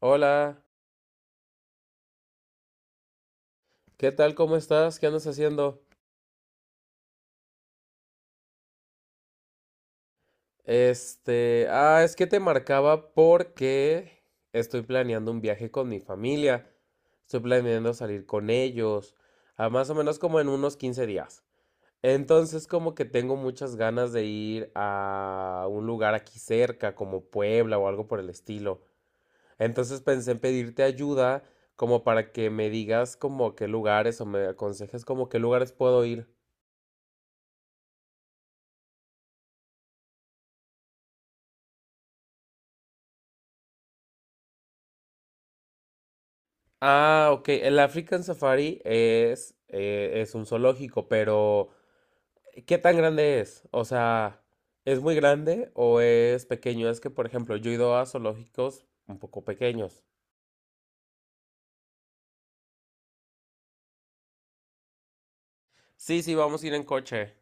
Hola, ¿qué tal? ¿Cómo estás? ¿Qué andas haciendo? Este, es que te marcaba porque estoy planeando un viaje con mi familia. Estoy planeando salir con ellos, a más o menos como en unos 15 días. Entonces, como que tengo muchas ganas de ir a un lugar aquí cerca, como Puebla o algo por el estilo. Entonces pensé en pedirte ayuda como para que me digas como a qué lugares o me aconsejes como a qué lugares puedo ir. Ah, ok. El African Safari es un zoológico, pero ¿qué tan grande es? O sea, ¿es muy grande o es pequeño? Es que, por ejemplo, yo he ido a zoológicos un poco pequeños. Sí, sí, vamos a ir en coche.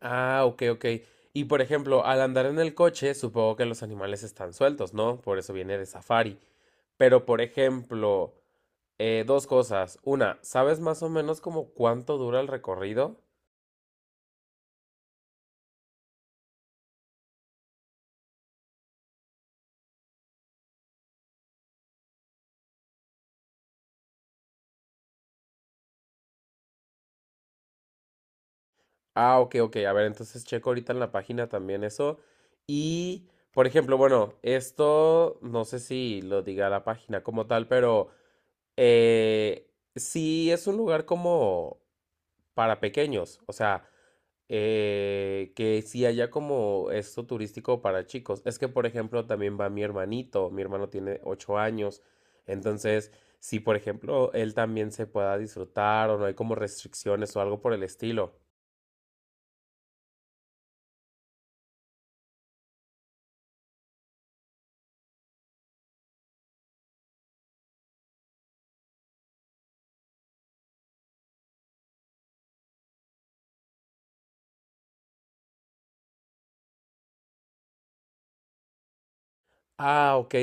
Ah, ok, ok. Y, por ejemplo, al andar en el coche, supongo que los animales están sueltos, ¿no? Por eso viene de safari. Pero, por ejemplo, dos cosas. Una, ¿sabes más o menos como cuánto dura el recorrido? Ah, ok, ok. A ver, entonces checo ahorita en la página también eso. Y, por ejemplo, bueno, esto no sé si lo diga la página como tal, pero eh, sí es un lugar como para pequeños. O sea, que sí haya como esto turístico para chicos. Es que, por ejemplo, también va mi hermanito. Mi hermano tiene 8 años. Entonces, si, por ejemplo, él también se pueda disfrutar o no hay como restricciones o algo por el estilo. Ah, ok.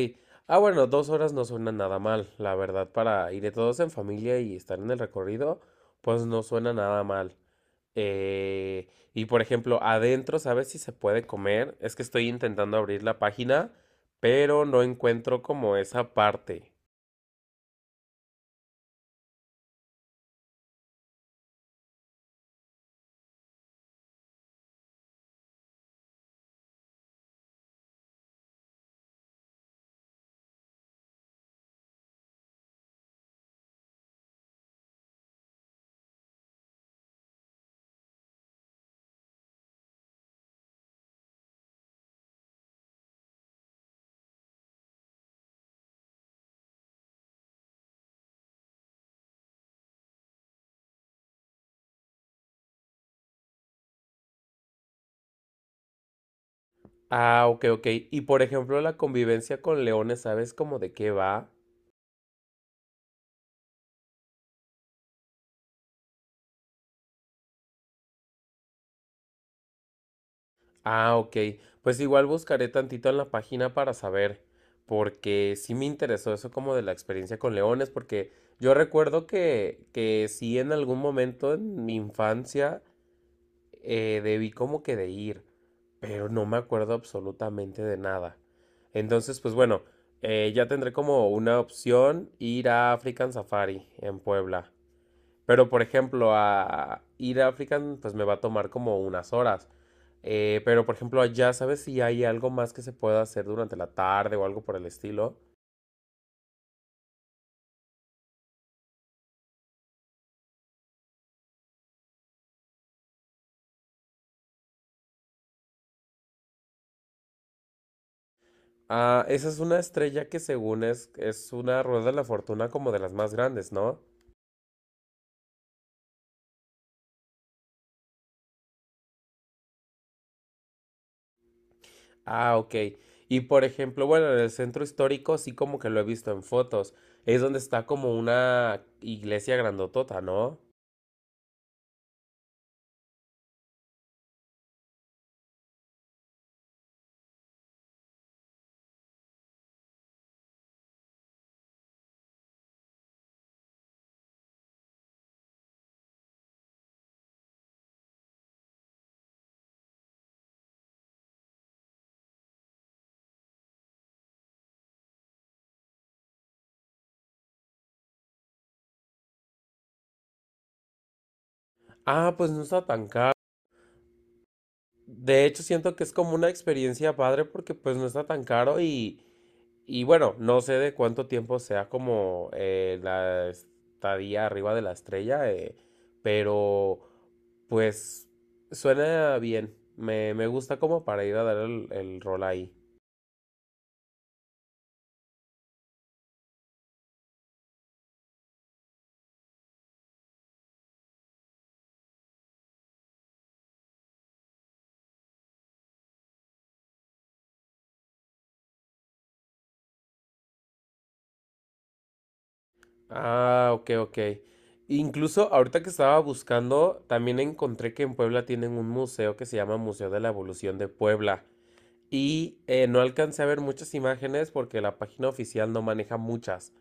Ah, bueno, 2 horas no suena nada mal, la verdad, para ir de todos en familia y estar en el recorrido, pues no suena nada mal. Y por ejemplo, adentro, ¿sabes si se puede comer? Es que estoy intentando abrir la página, pero no encuentro como esa parte. Ah, ok, ok. Y por ejemplo, la convivencia con leones, ¿sabes cómo de qué va? Ah, ok. Pues igual buscaré tantito en la página para saber, porque sí me interesó eso como de la experiencia con leones, porque yo recuerdo que sí en algún momento en mi infancia debí como que de ir, pero no me acuerdo absolutamente de nada. Entonces, pues bueno, ya tendré como una opción ir a African Safari en Puebla. Pero, por ejemplo, a ir a African, pues me va a tomar como unas horas. Pero, por ejemplo, allá, ¿sabes si hay algo más que se pueda hacer durante la tarde o algo por el estilo? Ah, esa es una estrella que según es una rueda de la fortuna como de las más grandes, ¿no? Ah, ok. Y por ejemplo, bueno, en el centro histórico sí como que lo he visto en fotos. Es donde está como una iglesia grandotota, ¿no? Ah, pues no está tan caro. De hecho, siento que es como una experiencia padre porque pues no está tan caro y bueno, no sé de cuánto tiempo sea como la estadía arriba de la estrella, pero pues suena bien. Me gusta como para ir a dar el rol ahí. Ah, ok, ok. Incluso ahorita que estaba buscando, también encontré que en Puebla tienen un museo que se llama Museo de la Evolución de Puebla. Y no alcancé a ver muchas imágenes porque la página oficial no maneja muchas,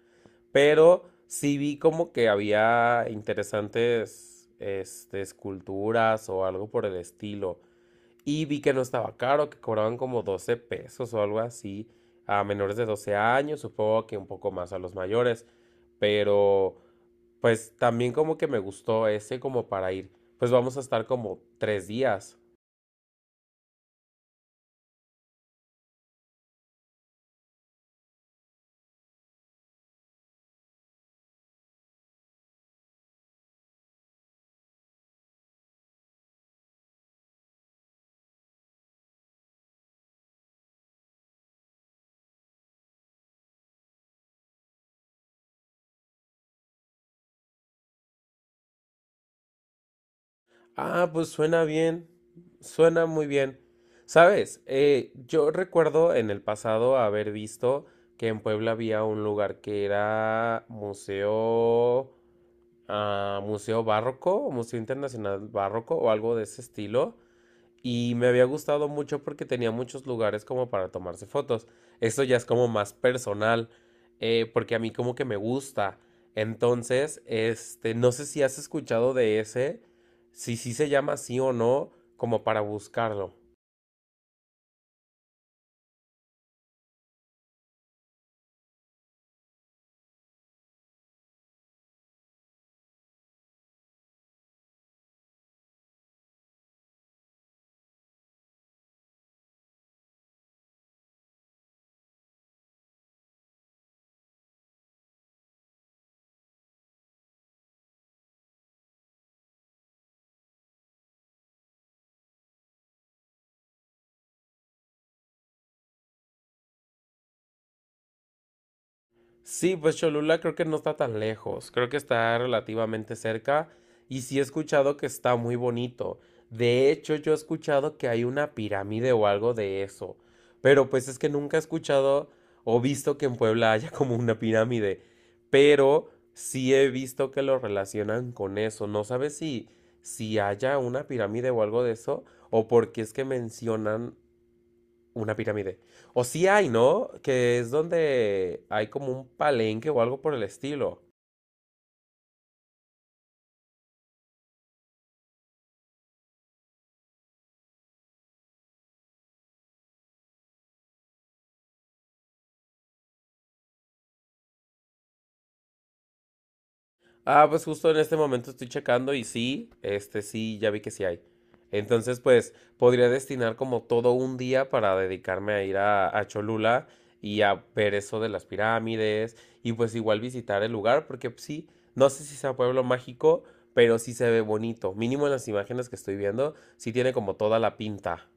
pero sí vi como que había interesantes este, esculturas o algo por el estilo. Y vi que no estaba caro, que cobraban como 12 pesos o algo así a menores de 12 años, supongo que un poco más a los mayores, pero pues también como que me gustó ese como para ir. Pues vamos a estar como 3 días. Ah, pues suena bien, suena muy bien. Sabes, yo recuerdo en el pasado haber visto que en Puebla había un lugar que era museo barroco, o museo internacional barroco o algo de ese estilo. Y me había gustado mucho porque tenía muchos lugares como para tomarse fotos. Esto ya es como más personal, porque a mí como que me gusta. Entonces, este, no sé si has escuchado de ese, si sí se llama así o no, como para buscarlo. Sí, pues Cholula creo que no está tan lejos, creo que está relativamente cerca y sí he escuchado que está muy bonito. De hecho, yo he escuchado que hay una pirámide o algo de eso, pero pues es que nunca he escuchado o visto que en Puebla haya como una pirámide, pero sí he visto que lo relacionan con eso. No sabes si haya una pirámide o algo de eso o porque es que mencionan una pirámide. O sí hay, ¿no? Que es donde hay como un palenque o algo por el estilo. Ah, pues justo en este momento estoy checando y sí, este sí, ya vi que sí hay. Entonces, pues podría destinar como todo un día para dedicarme a ir a Cholula y a ver eso de las pirámides y pues igual visitar el lugar porque pues, sí, no sé si sea pueblo mágico, pero sí se ve bonito. Mínimo en las imágenes que estoy viendo, sí tiene como toda la pinta.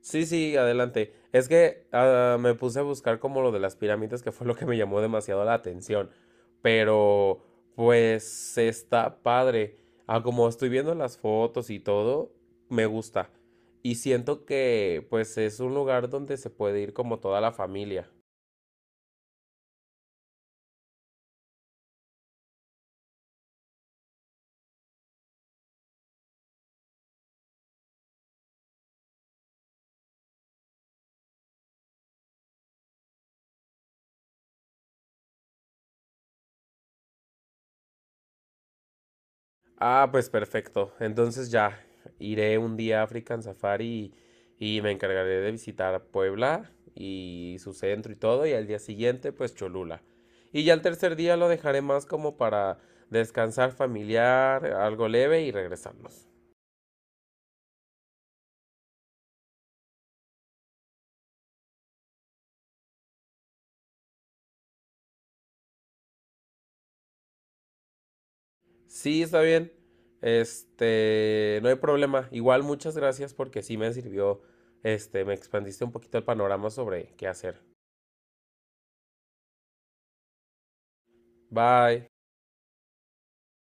Sí, sí, adelante. Es que me puse a buscar como lo de las pirámides, que fue lo que me llamó demasiado la atención. Pero, pues, está padre. Ah, como estoy viendo las fotos y todo, me gusta. Y siento que, pues, es un lugar donde se puede ir como toda la familia. Ah, pues perfecto. Entonces ya iré un día a African Safari y me encargaré de visitar Puebla y su centro y todo, y al día siguiente pues Cholula. Y ya el tercer día lo dejaré más como para descansar familiar, algo leve y regresarnos. Sí, está bien. Este, no hay problema. Igual muchas gracias porque sí me sirvió, este, me expandiste un poquito el panorama sobre qué hacer. Bye.